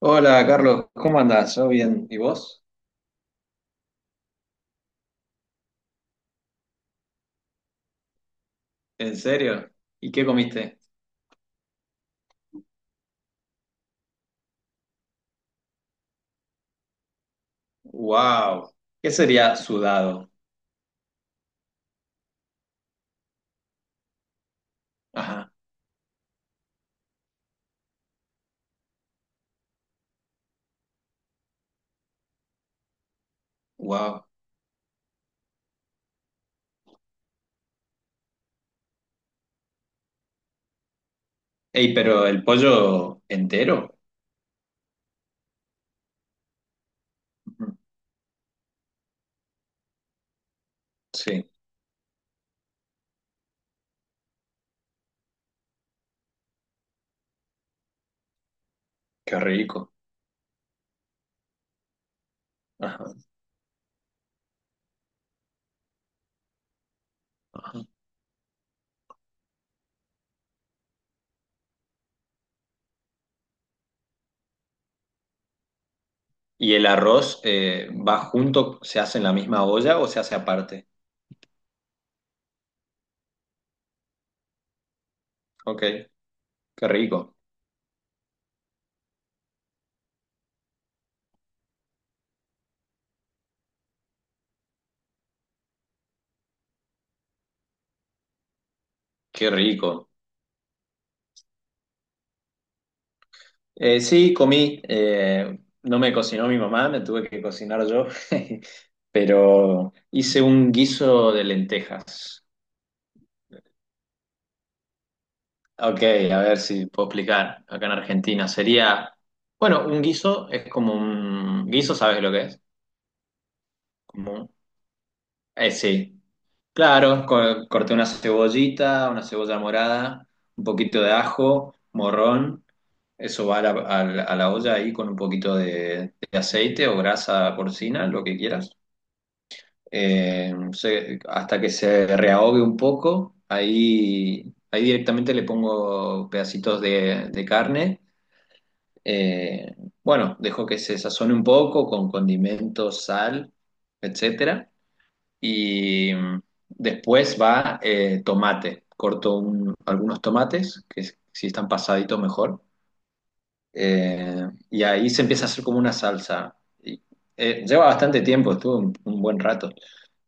Hola Carlos, ¿cómo andás? ¿Yo bien? ¿Y vos? ¿En serio? ¿Y qué comiste? ¡Wow! ¿Qué sería sudado? Ajá, wow. Ey, pero el pollo entero. Ujú. Sí, qué rico. Ajá, ajá. ¿Y el arroz va junto, se hace en la misma olla o se hace aparte? Ok, qué rico, qué rico. Sí, comí. No me cocinó mi mamá, me tuve que cocinar yo. Pero hice un guiso de lentejas. Ok, a ver si puedo explicar. Acá en Argentina sería, bueno, un guiso es como un guiso, ¿sabes lo que es? Como un- sí, claro, corté una cebollita, una cebolla morada, un poquito de ajo, morrón, eso va a a la olla ahí con un poquito de aceite o grasa porcina, lo que quieras. Hasta que se reahogue un poco, ahí, ahí directamente le pongo pedacitos de carne. Eh, bueno, dejo que se sazone un poco con condimentos, sal, etcétera. Y después va tomate. Algunos tomates, que si están pasaditos mejor. Y ahí se empieza a hacer como una salsa. Y, Lleva bastante tiempo, estuvo un buen rato.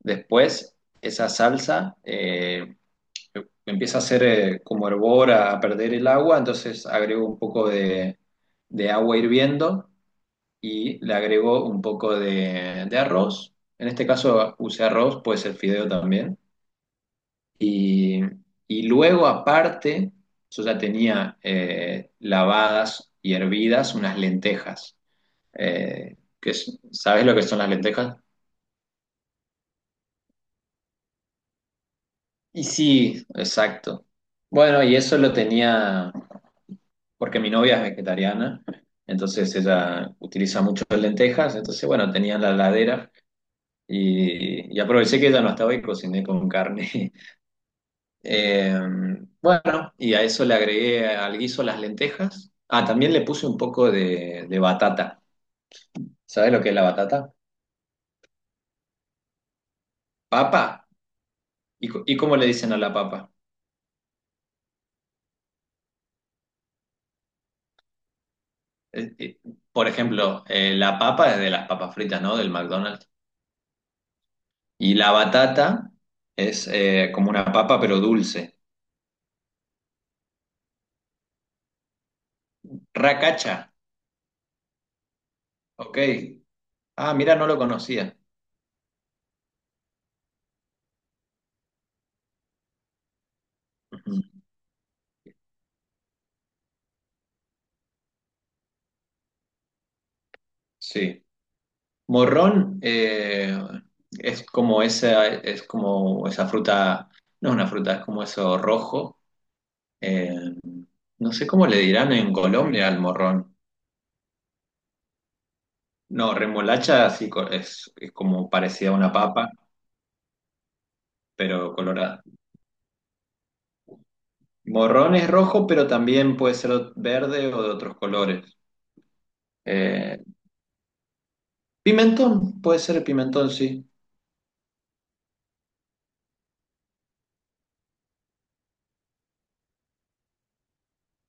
Después, esa salsa empieza a hacer como hervor, a perder el agua. Entonces agrego un poco de agua hirviendo y le agrego un poco de arroz. En este caso usé arroz, puede ser fideo también. Y, y luego aparte, yo ya tenía lavadas y hervidas unas lentejas. ¿Sabes lo que son las lentejas? Y sí, exacto. Bueno, y eso lo tenía porque mi novia es vegetariana, entonces ella utiliza mucho lentejas, entonces bueno, tenía en la ladera. Y aproveché que ella no estaba y cociné con carne. Eh, bueno, y a eso le agregué al guiso las lentejas. Ah, también le puse un poco de batata. ¿Sabes lo que es la batata? Papa. Y, ¿y cómo le dicen a la papa? Eh, eh, por ejemplo, la papa es de las papas fritas, ¿no? Del McDonald's. Y la batata es como una papa, pero dulce. Racacha. Ok. Ah, mira, no lo conocía. Ujú. Sí. Morrón es como esa fruta, no es una fruta, es como eso rojo. eh, no sé cómo le dirán en Colombia al morrón. No, remolacha es como parecida a una papa, pero colorada. Morrón es rojo, pero también puede ser verde o de otros colores. Eh, Pimentón, puede ser pimentón, sí.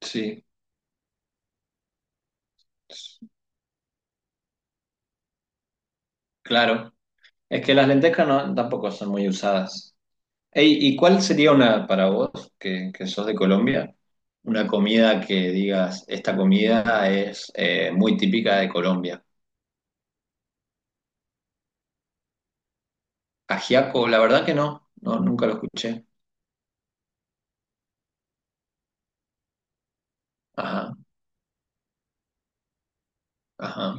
Sí, claro. Es que las lentejas no, tampoco son muy usadas. Ey, ¿y cuál sería una, para vos, que sos de Colombia, una comida que digas, esta comida es muy típica de Colombia? Ajiaco, la verdad que no, no, nunca lo escuché. Ajá, ajá,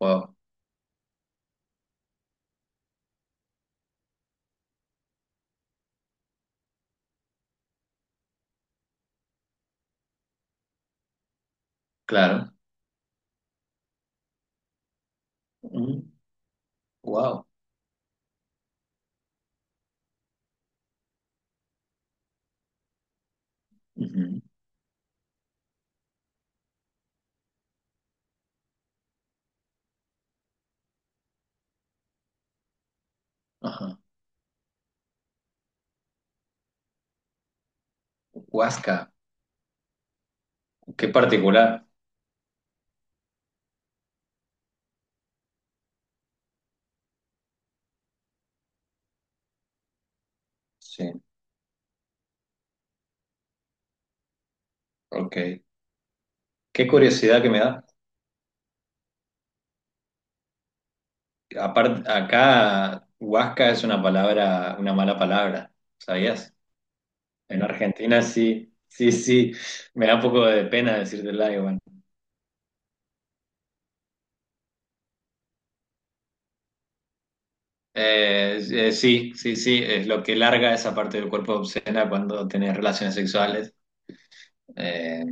wow, claro. Wow, ajá. Huasca, qué particular. Sí, ok. Qué curiosidad que me da. Aparte, acá, Huasca es una palabra, una mala palabra, ¿sabías? En Argentina sí, sí, sí. Me da un poco de pena decirte algo, bueno. Sí, sí, sí, es lo que larga esa parte del cuerpo obscena cuando tenés relaciones sexuales, eh,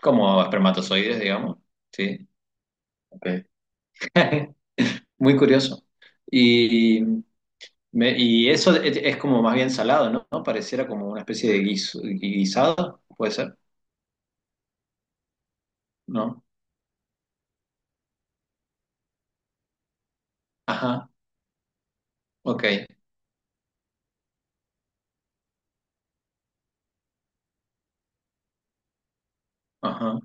como espermatozoides, digamos. Sí, ok. Muy curioso. Y, y eso es como más bien salado, ¿no? ¿No? Pareciera como una especie de guisado, puede ser, ¿no? Ajá, ok, ajá,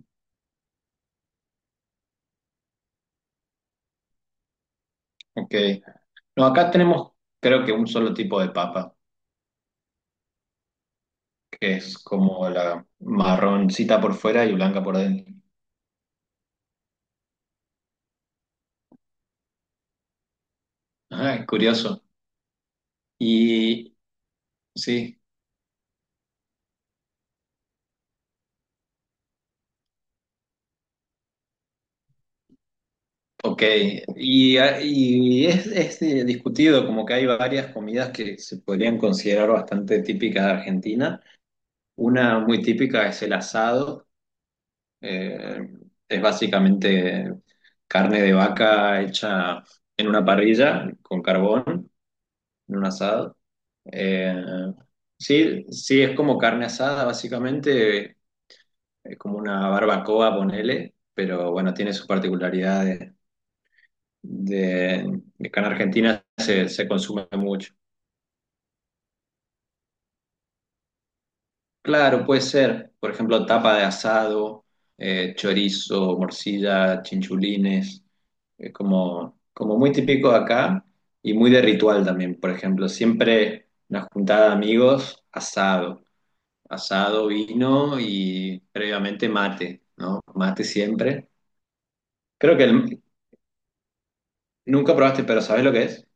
ok. No, acá tenemos creo que un solo tipo de papa, que es como la marroncita por fuera y blanca por dentro. Ajá, curioso. Y sí, ok. Y, y es, discutido, como que hay varias comidas que se podrían considerar bastante típicas de Argentina. Una muy típica es el asado. eh, es básicamente carne de vaca hecha en una parrilla con carbón, en un asado. Eh, sí, sí, es como carne asada, básicamente. Es como una barbacoa, ponele, pero bueno, tiene sus particularidades de que en Argentina se, se consume mucho. Claro, puede ser, por ejemplo, tapa de asado, chorizo, morcilla, chinchulines, es como, como muy típico de acá y muy de ritual también, por ejemplo, siempre una juntada de amigos, asado, asado, vino y previamente mate, ¿no? Mate siempre. Creo que el- Nunca probaste, pero ¿sabes lo que es?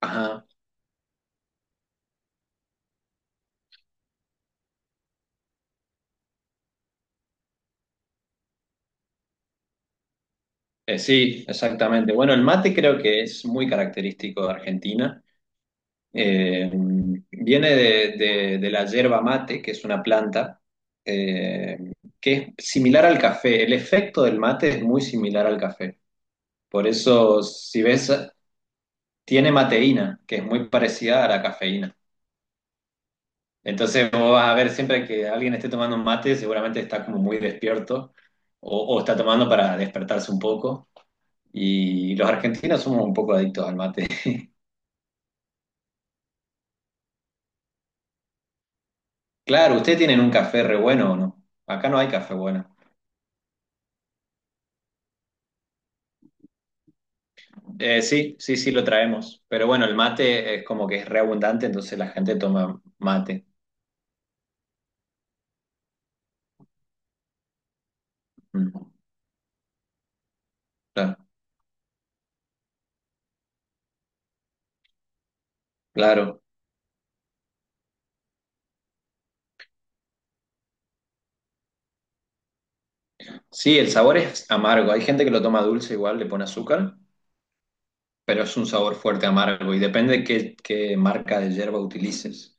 Ajá, sí, exactamente. Bueno, el mate creo que es muy característico de Argentina. Eh, Viene de, de la yerba mate, que es una planta eh, que es similar al café. El efecto del mate es muy similar al café. Por eso, si ves, tiene mateína, que es muy parecida a la cafeína. Entonces, vos vas a ver siempre que alguien esté tomando un mate, seguramente está como muy despierto o está tomando para despertarse un poco. Y los argentinos somos un poco adictos al mate. Claro, ¿ustedes tienen un café re bueno o no? Acá no hay café bueno. Sí, sí, sí lo traemos. Pero bueno, el mate es como que es re abundante, entonces la gente toma mate. Mm, claro, claro. Sí, el sabor es amargo. Hay gente que lo toma dulce igual, le pone azúcar, pero es un sabor fuerte amargo y depende qué, qué marca de yerba utilices.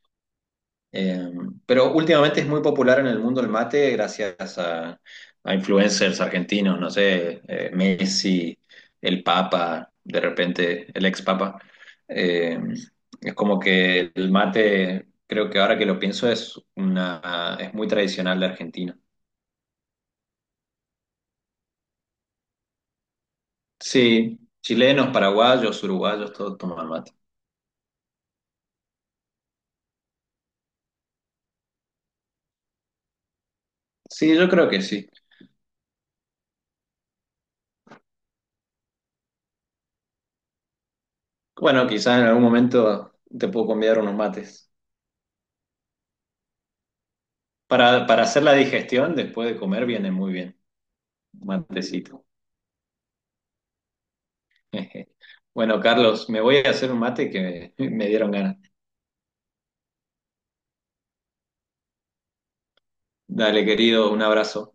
Eh, pero últimamente es muy popular en el mundo el mate gracias a influencers argentinos, no sé, Messi, el Papa, de repente el ex Papa. Eh, es como que el mate, creo que ahora que lo pienso, es una, es muy tradicional de Argentina. Sí, chilenos, paraguayos, uruguayos, todos toman mate. Sí, yo creo que sí. Bueno, quizás en algún momento te puedo convidar unos mates. Para hacer la digestión después de comer viene muy bien. Matecito. Bueno, Carlos, me voy a hacer un mate que me dieron ganas. Dale, querido, un abrazo.